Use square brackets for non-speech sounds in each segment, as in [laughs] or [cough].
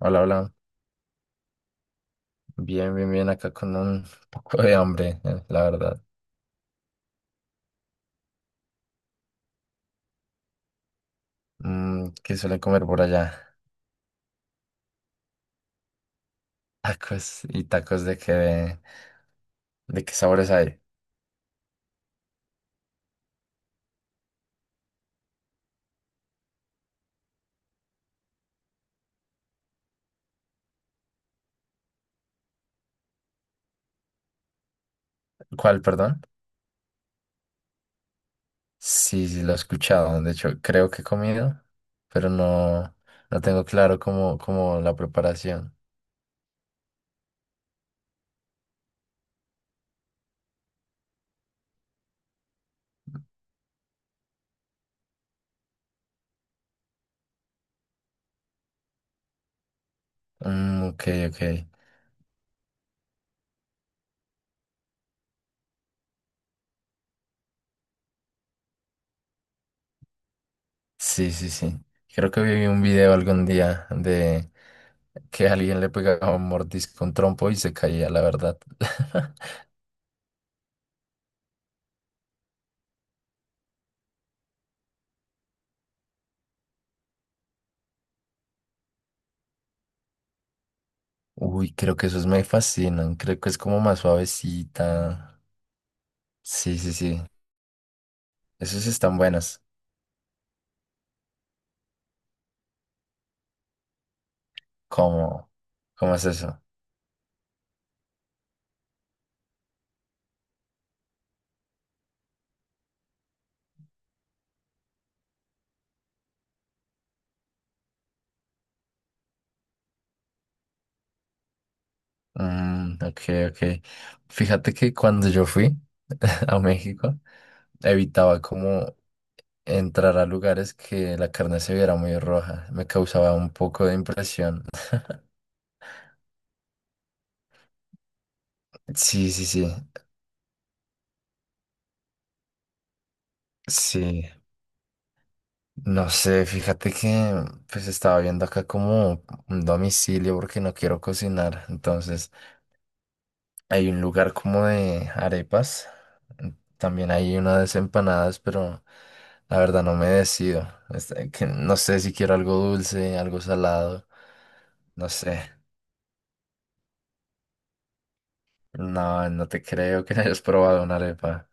Hola, hola. Bien, bien, bien. Acá con un poco de hambre, la verdad. Mm, ¿qué suelen comer por allá? [laughs] Tacos y tacos de qué, de qué sabores hay. ¿Cuál, perdón? Sí, sí, lo he escuchado. De hecho, creo que he comido, pero no, no tengo claro cómo, cómo la preparación. Mm, ok, ok. Sí, sí, sí. Creo que vi un video algún día de que alguien le pegaba un mordisco, un trompo y se caía, la verdad. [laughs] Uy, creo que esos me fascinan. Creo que es como más suavecita. Sí, sí, sí. Esos están buenos. ¿Cómo? ¿Cómo es eso? Mm, ok, ok. Fíjate que cuando yo fui [laughs] a México, evitaba como entrar a lugares que la carne se viera muy roja. Me causaba un poco de impresión. [laughs] Sí, sí, sí. Sí. No sé, fíjate que pues estaba viendo acá como un domicilio porque no quiero cocinar. Entonces... Hay un lugar como de arepas. También hay unas empanadas, pero la verdad no me decido. Este, que no sé si quiero algo dulce, algo salado. No sé. No, no te creo que [laughs] hayas probado una arepa.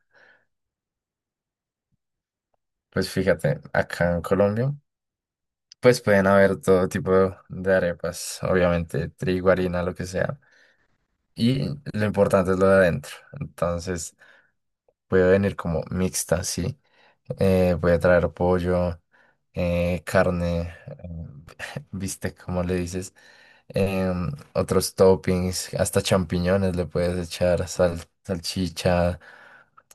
Pues fíjate, acá en Colombia, pues pueden haber todo tipo de arepas, obviamente, trigo, harina, lo que sea. Y lo importante es lo de adentro. Entonces, puede venir como mixta, sí. Puede traer pollo. Carne, [laughs] bistec, como le dices, otros toppings, hasta champiñones le puedes echar, salchicha,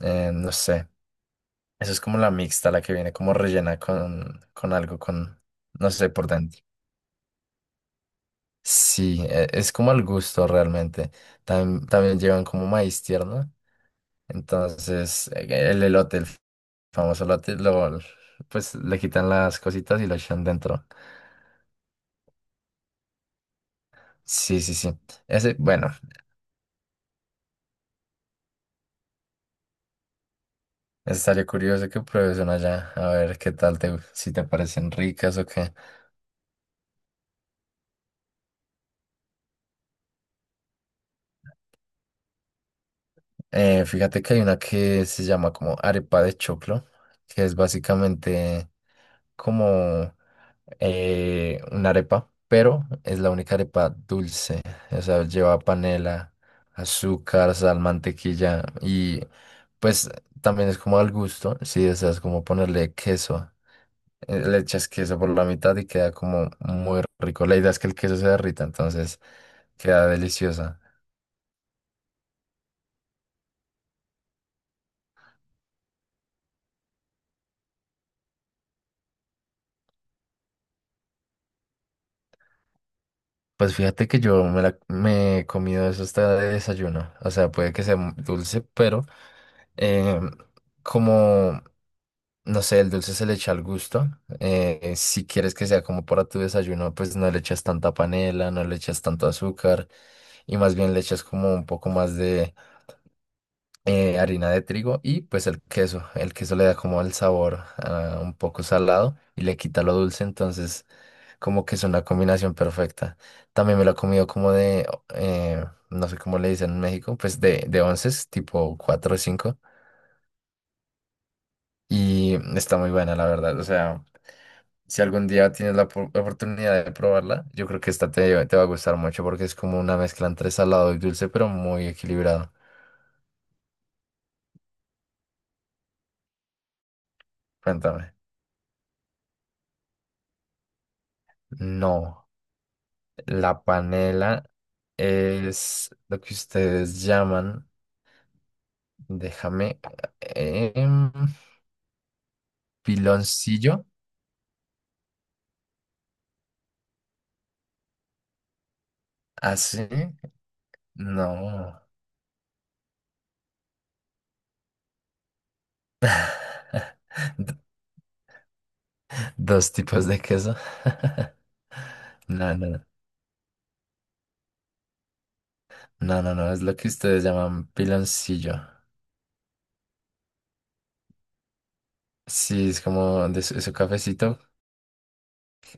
no sé. Eso es como la mixta, la que viene como rellena con algo, con, no sé, por dentro. Sí, es como al gusto realmente. También llevan como maíz tierno. Entonces, el elote, el famoso elote, lo, pues le quitan las cositas y lo echan dentro. Sí, sí, sí. Ese, bueno, estaría curioso que pruebes una allá, a ver qué tal te, si te parecen ricas o qué. Fíjate que hay una que se llama como arepa de choclo, que es básicamente como una arepa, pero es la única arepa dulce. O sea, lleva panela, azúcar, sal, mantequilla y pues también es como al gusto, si deseas como ponerle queso. Le echas queso por la mitad y queda como muy rico. La idea es que el queso se derrita, entonces queda deliciosa. Pues fíjate que yo me, la, me he comido eso hasta de desayuno. O sea, puede que sea dulce, pero eh, como, no sé, el dulce se le echa al gusto. Si quieres que sea como para tu desayuno, pues no le echas tanta panela, no le echas tanto azúcar y más bien le echas como un poco más harina de trigo y pues el queso. El queso le da como el sabor un poco salado y le quita lo dulce, entonces como que es una combinación perfecta. También me lo he comido como de, eh, no sé cómo le dicen en México, pues de onces, tipo 4 o 5 y está muy buena la verdad, o sea... Si algún día tienes la oportunidad de probarla, yo creo que esta te, te va a gustar mucho porque es como una mezcla entre salado y dulce, pero muy equilibrado. Cuéntame. No. La panela es lo que ustedes llaman, déjame, eh, em, piloncillo, así, no, [laughs] dos tipos de queso. [laughs] No, no, no, no, no, no, es lo que ustedes llaman piloncillo. Sí, es como de su, su cafecito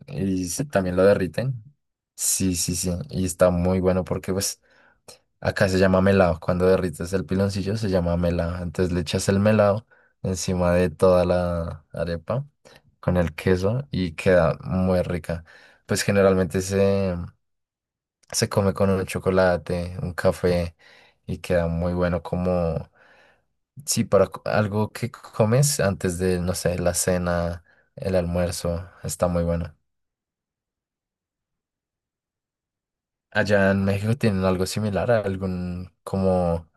y también lo derriten. Sí, sí, sí, y está muy bueno porque pues acá se llama melado. Cuando derrites el piloncillo se llama melado. Entonces le echas el melado encima de toda la arepa con el queso y queda muy rica. Pues generalmente se, se come con un chocolate, un café y queda muy bueno como, sí, para algo que comes antes de, no sé, la cena, el almuerzo. Está muy bueno. Allá en México tienen algo similar, algún como,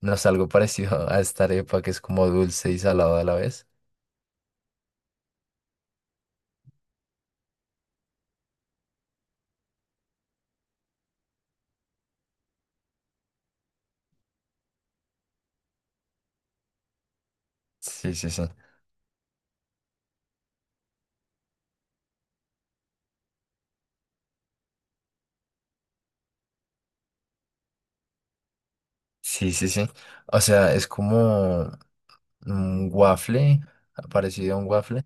no sé, algo parecido a esta arepa que es como dulce y salado a la vez. Sí, sí, sí. Sí, sí, sí. O sea, es como un waffle, parecido a un waffle.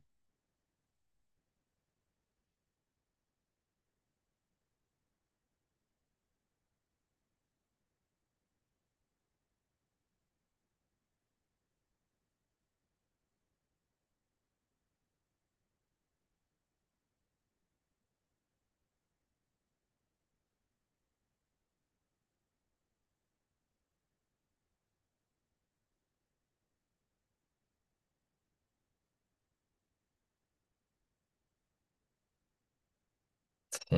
Sí.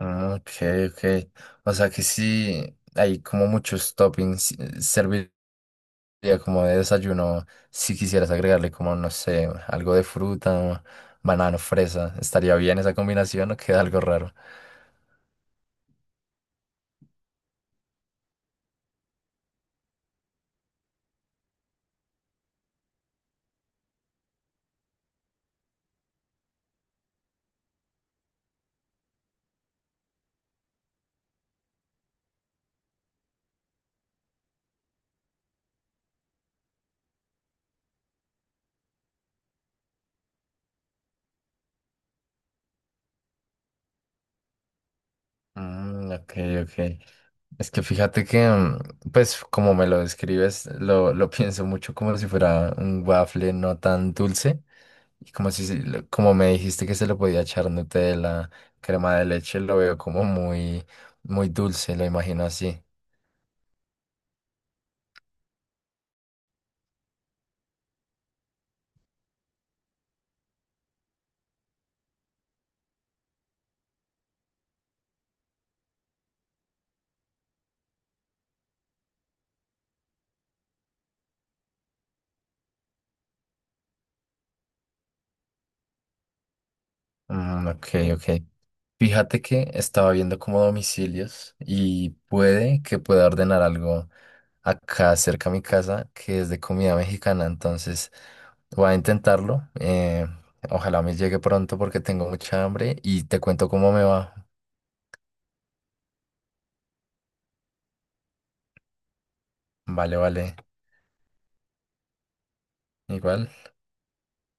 Ah, ok, ok. O sea que sí, hay como muchos toppings. Serviría como de desayuno si quisieras agregarle como, no sé, algo de fruta, banano, fresa. ¿Estaría bien esa combinación o queda algo raro? Mm, ok, ok. Es que fíjate que, mm, pues, como me lo describes, lo [laughs] pienso mucho como si fuera un waffle no tan dulce. Y como si, como me dijiste que se le podía echar Nutella, crema de leche, lo veo como muy, muy dulce, lo imagino así. Mm, ok, ok. Fíjate que estaba viendo como domicilios y puede que pueda ordenar algo acá cerca a mi casa que es de comida mexicana, entonces voy a intentarlo. Ojalá me llegue pronto porque tengo mucha hambre y te cuento cómo me va. Vale, vale, igual.